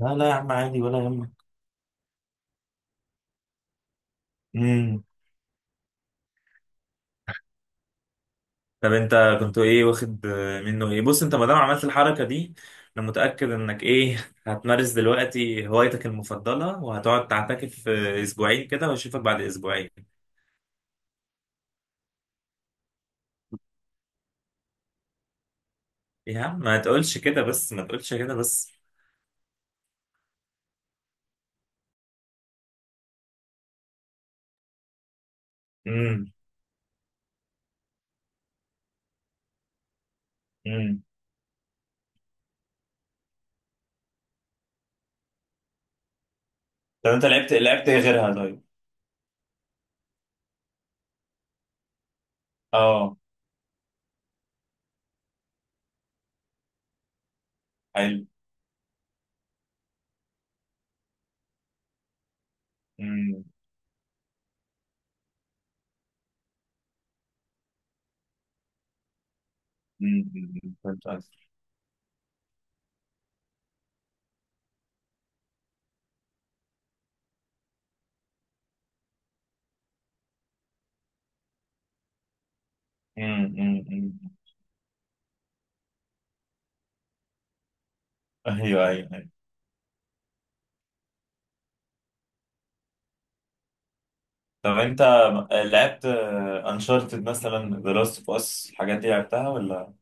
لا، لا، يا عم، عادي ولا يهمك. امم. طب انت كنت ايه واخد منه ايه؟ بص، انت ما دام عملت الحركه دي، انا متاكد انك ايه هتمارس دلوقتي هوايتك المفضله، وهتقعد تعتكف اسبوعين كده، واشوفك بعد اسبوعين. إيه يا عم، ما تقولش كده بس، ما تقولش كده بس. امم. امم. طب انت لعبت ايه غيرها طيب؟ اه. حلو. امم. امم. أمم، فهمت قصدك. امم. امم. أمم. ايوه، ايوه، ايوه. طب انت لعبت انشارتد مثلا، ذا لاست اوف اس، الحاجات دي لعبتها ولا؟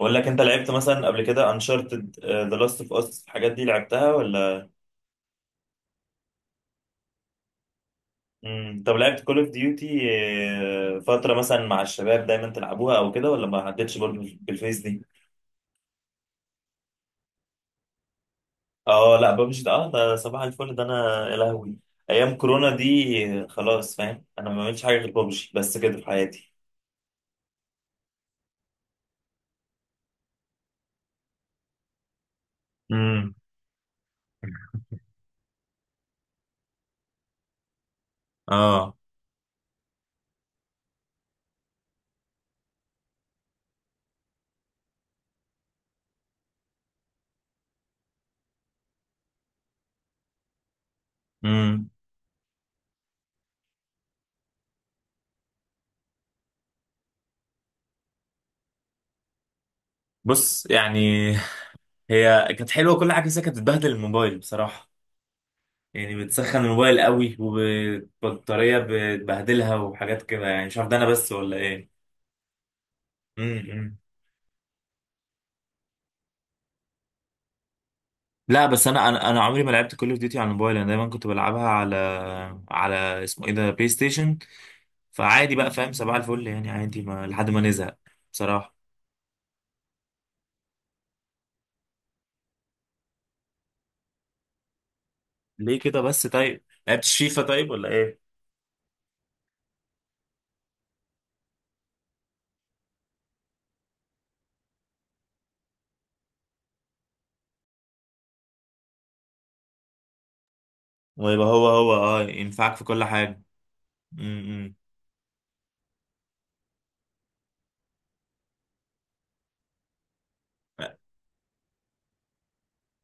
بقول لك، انت لعبت مثلا قبل كده انشارتد، ذا لاست اوف اس، الحاجات دي لعبتها ولا؟ مم. طب لعبت كول اوف ديوتي فترة مثلا مع الشباب، دايما تلعبوها او كده، ولا ما عدتش برضه بالفيس دي؟ اه لا، ببجي ده، اه ده صباح الفل ده، انا يا لهوي! ايام كورونا دي خلاص، فاهم؟ انا ما بعملش حاجة غير ببجي بس كده في حياتي. امم. اه. امم. بص يعني، هي كانت حلوه كل حاجه، بس هي كانت بتبهدل الموبايل بصراحه. يعني بتسخن الموبايل قوي، وبطاريه بتبهدلها، وحاجات كده. يعني مش عارف، ده انا بس ولا ايه؟ امم. لا بس، انا عمري ما لعبت كول اوف ديوتي على الموبايل. انا دايما كنت بلعبها على، على اسمه ايه ده، بلاي ستيشن. فعادي بقى، فاهم؟ صباح الفل يعني، عادي ما لحد ما نزهق بصراحه. ليه كده بس؟ طيب لعبت فيفا طيب ولا ايه؟ ويبقى هو هو، ينفعك في كل حاجه. امم.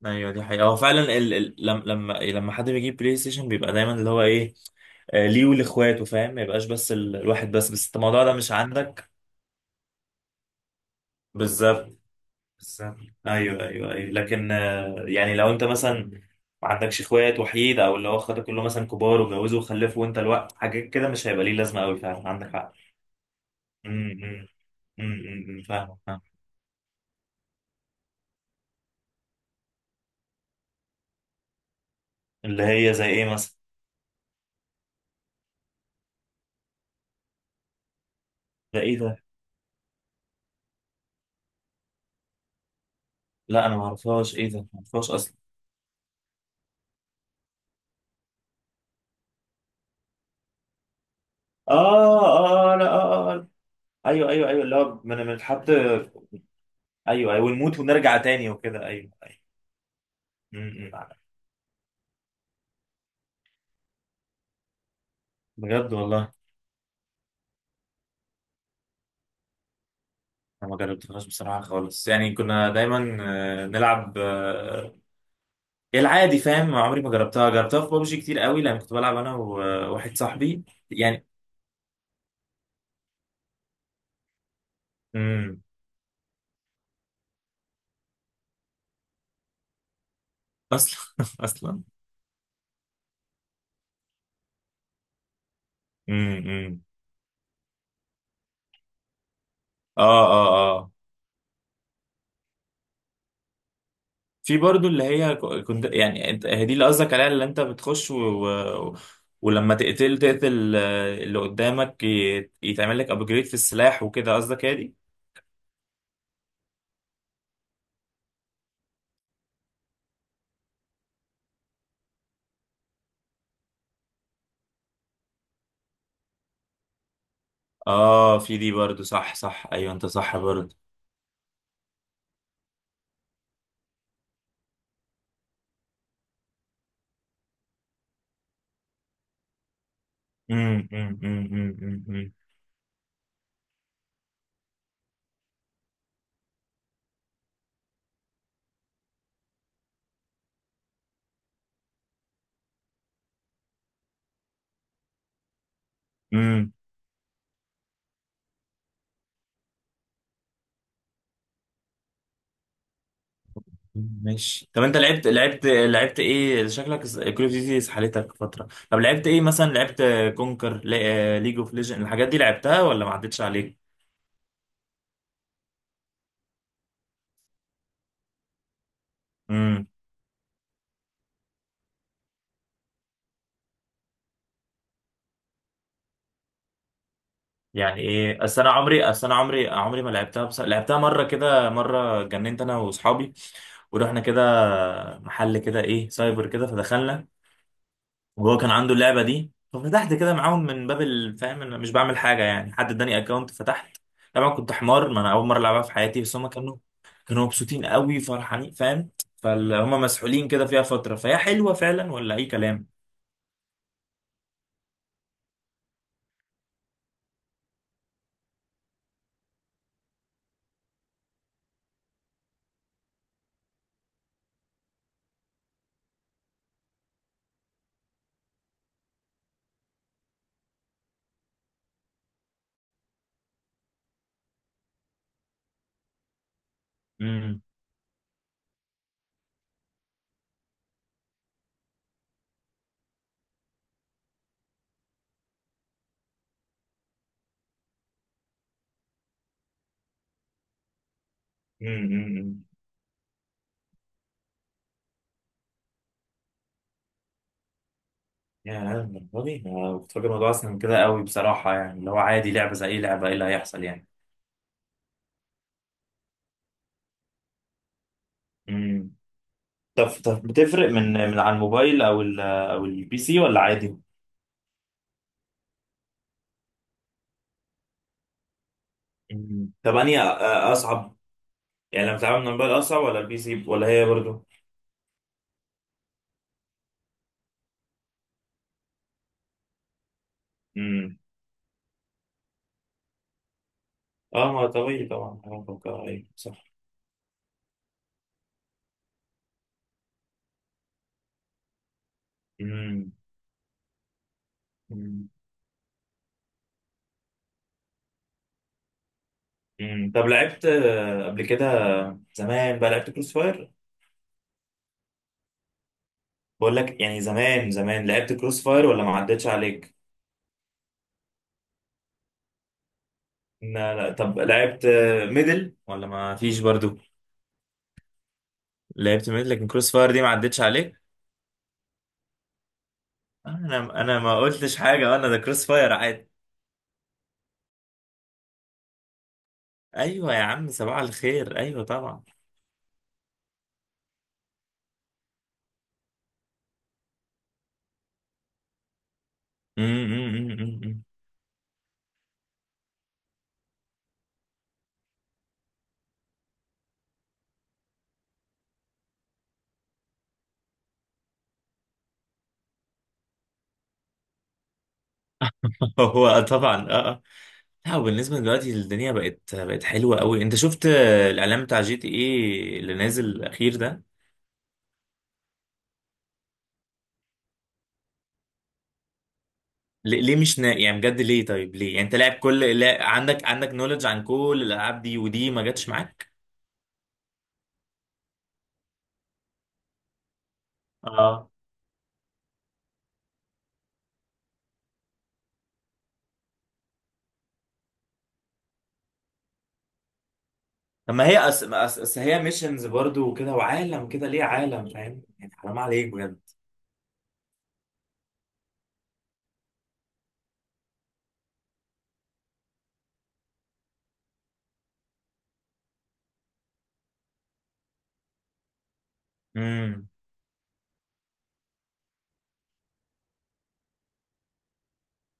ايوه، دي حقيقة. هو فعلا لما حد بيجيب بلاي ستيشن بيبقى دايما اللي هو ايه ليه ولاخواته، فاهم؟ ما يبقاش بس، الواحد بس الموضوع ده مش عندك. بالظبط. بالظبط. ايوه، ايوه، ايوه، لكن يعني لو انت مثلا ما عندكش اخوات، وحيد، او اللي هو اخواتك كلهم مثلا كبار وجوزوا وخلفوا، وانت الوقت حاجات كده مش هيبقى ليه لازمة قوي. فعلا عندك حق. امم. امم. فاهم فاهم. اللي هي زي ايه مثلا؟ ده ايه ده؟ لا، انا ما اعرفهاش، ايه ده؟ ما اعرفهاش اصلا. اه، اه، لا، اه. ايوه، ايوه، ايوه، اللي هو بنتحط. ايوه، ايوه، ونموت ونرجع تاني وكده. ايوه، ايوه. م- م. بجد والله. انا ما جربتهاش بصراحه خالص. يعني كنا دايما نلعب العادي، فاهم؟ عمري ما جربتها، جربتها في بابجي كتير قوي لان كنت بلعب انا وواحد صاحبي يعني. امم. اصلا اصلا. امم. اه، اه، اه. في برضو اللي هي كنت يعني، انت هي دي اللي قصدك عليها، اللي انت بتخش و... ولما تقتل تقتل اللي قدامك يتعمل لك ابجريد في السلاح وكده، قصدك هي دي؟ اه في دي برضو، صح، صح، ايوه انت صح برضو. امم. امم. امم. امم. امم. إمم. إمم. ماشي. طب انت لعبت لعبت ايه شكلك؟ كول اوف ديوتي سحلتك فتره. طب لعبت ايه مثلا؟ لعبت كونكر، ليج اوف ليجند، الحاجات دي لعبتها ولا ما عدتش عليك؟ إمم. يعني ايه؟ اصل انا عمري ما لعبتها، بس لعبتها مره، كده مره جننت انا واصحابي. ورحنا كده محل كده ايه، سايبر كده، فدخلنا. وهو كان عنده اللعبه دي، ففتحت كده معاهم من باب الفهم، انا مش بعمل حاجه يعني، حد اداني اكونت فتحت. طبعا كنت حمار، ما انا اول مره العبها في حياتي، بس هم كانوا مبسوطين قوي، فرحانين، فاهم؟ فهم مسحولين كده فيها فتره، فهي حلوه فعلا ولا اي كلام؟ امم. يا للدرجة دي؟ أنا كنت فاكر الموضوع أصلا كده قوي بصراحة، يعني اللي هو عادي، لعبة زي أي لعبة، إيه اللي هيحصل يعني؟ امم. طب بتفرق من على الموبايل، او ال او البي سي، ولا عادي؟ مم. طب أنهي أصعب؟ يعني لما تلعب من الموبايل أصعب ولا البي سي، ولا هي برضه؟ امم اه، ما طبيعي طبعا، بفكر ايوه صح. مم. مم. مم. طب لعبت قبل كده زمان بقى لعبت كروس فاير؟ بقول لك يعني، زمان زمان لعبت كروس فاير ولا ما عدتش عليك؟ لا، لا، طب لعبت ميدل ولا ما فيش برضو؟ لعبت ميدل، لكن كروس فاير دي ما عدتش عليك. انا ما قلتش حاجه، وانا ده كروس فاير عادي. ايوه يا عم، صباح الخير، ايوه طبعا. أمم، أمم، أمم، أمم. هو طبعا، اه، اه. لا، وبالنسبه دلوقتي الدنيا بقت حلوه قوي. انت شفت الاعلان بتاع جي تي ايه اللي نازل الاخير ده؟ ليه مش نا... يعني بجد ليه طيب ليه؟ يعني انت لاعب كل لا... عندك نولج عن كل الالعاب دي، ودي ما جاتش معاك. اه. طب ما هي أس... ما أس... أس هي ميشنز برضو وكده وعالم كده، ليه؟ عالم فاهم يعني، حرام عليك بجد. امم.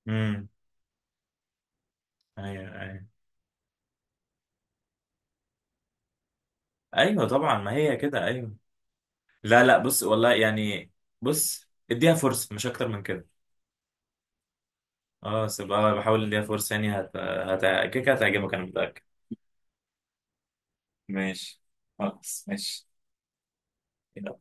امم. ايوه، ايوه، ايوه طبعا، ما هي كده ايوه. لا، لا، بص والله يعني. بص اديها فرصة، مش اكتر من كده. اه، سيبها، بحاول اديها فرصة يعني هت هت كده كده هتعجبك، انا متأكد. ماشي. خلاص، ماشي.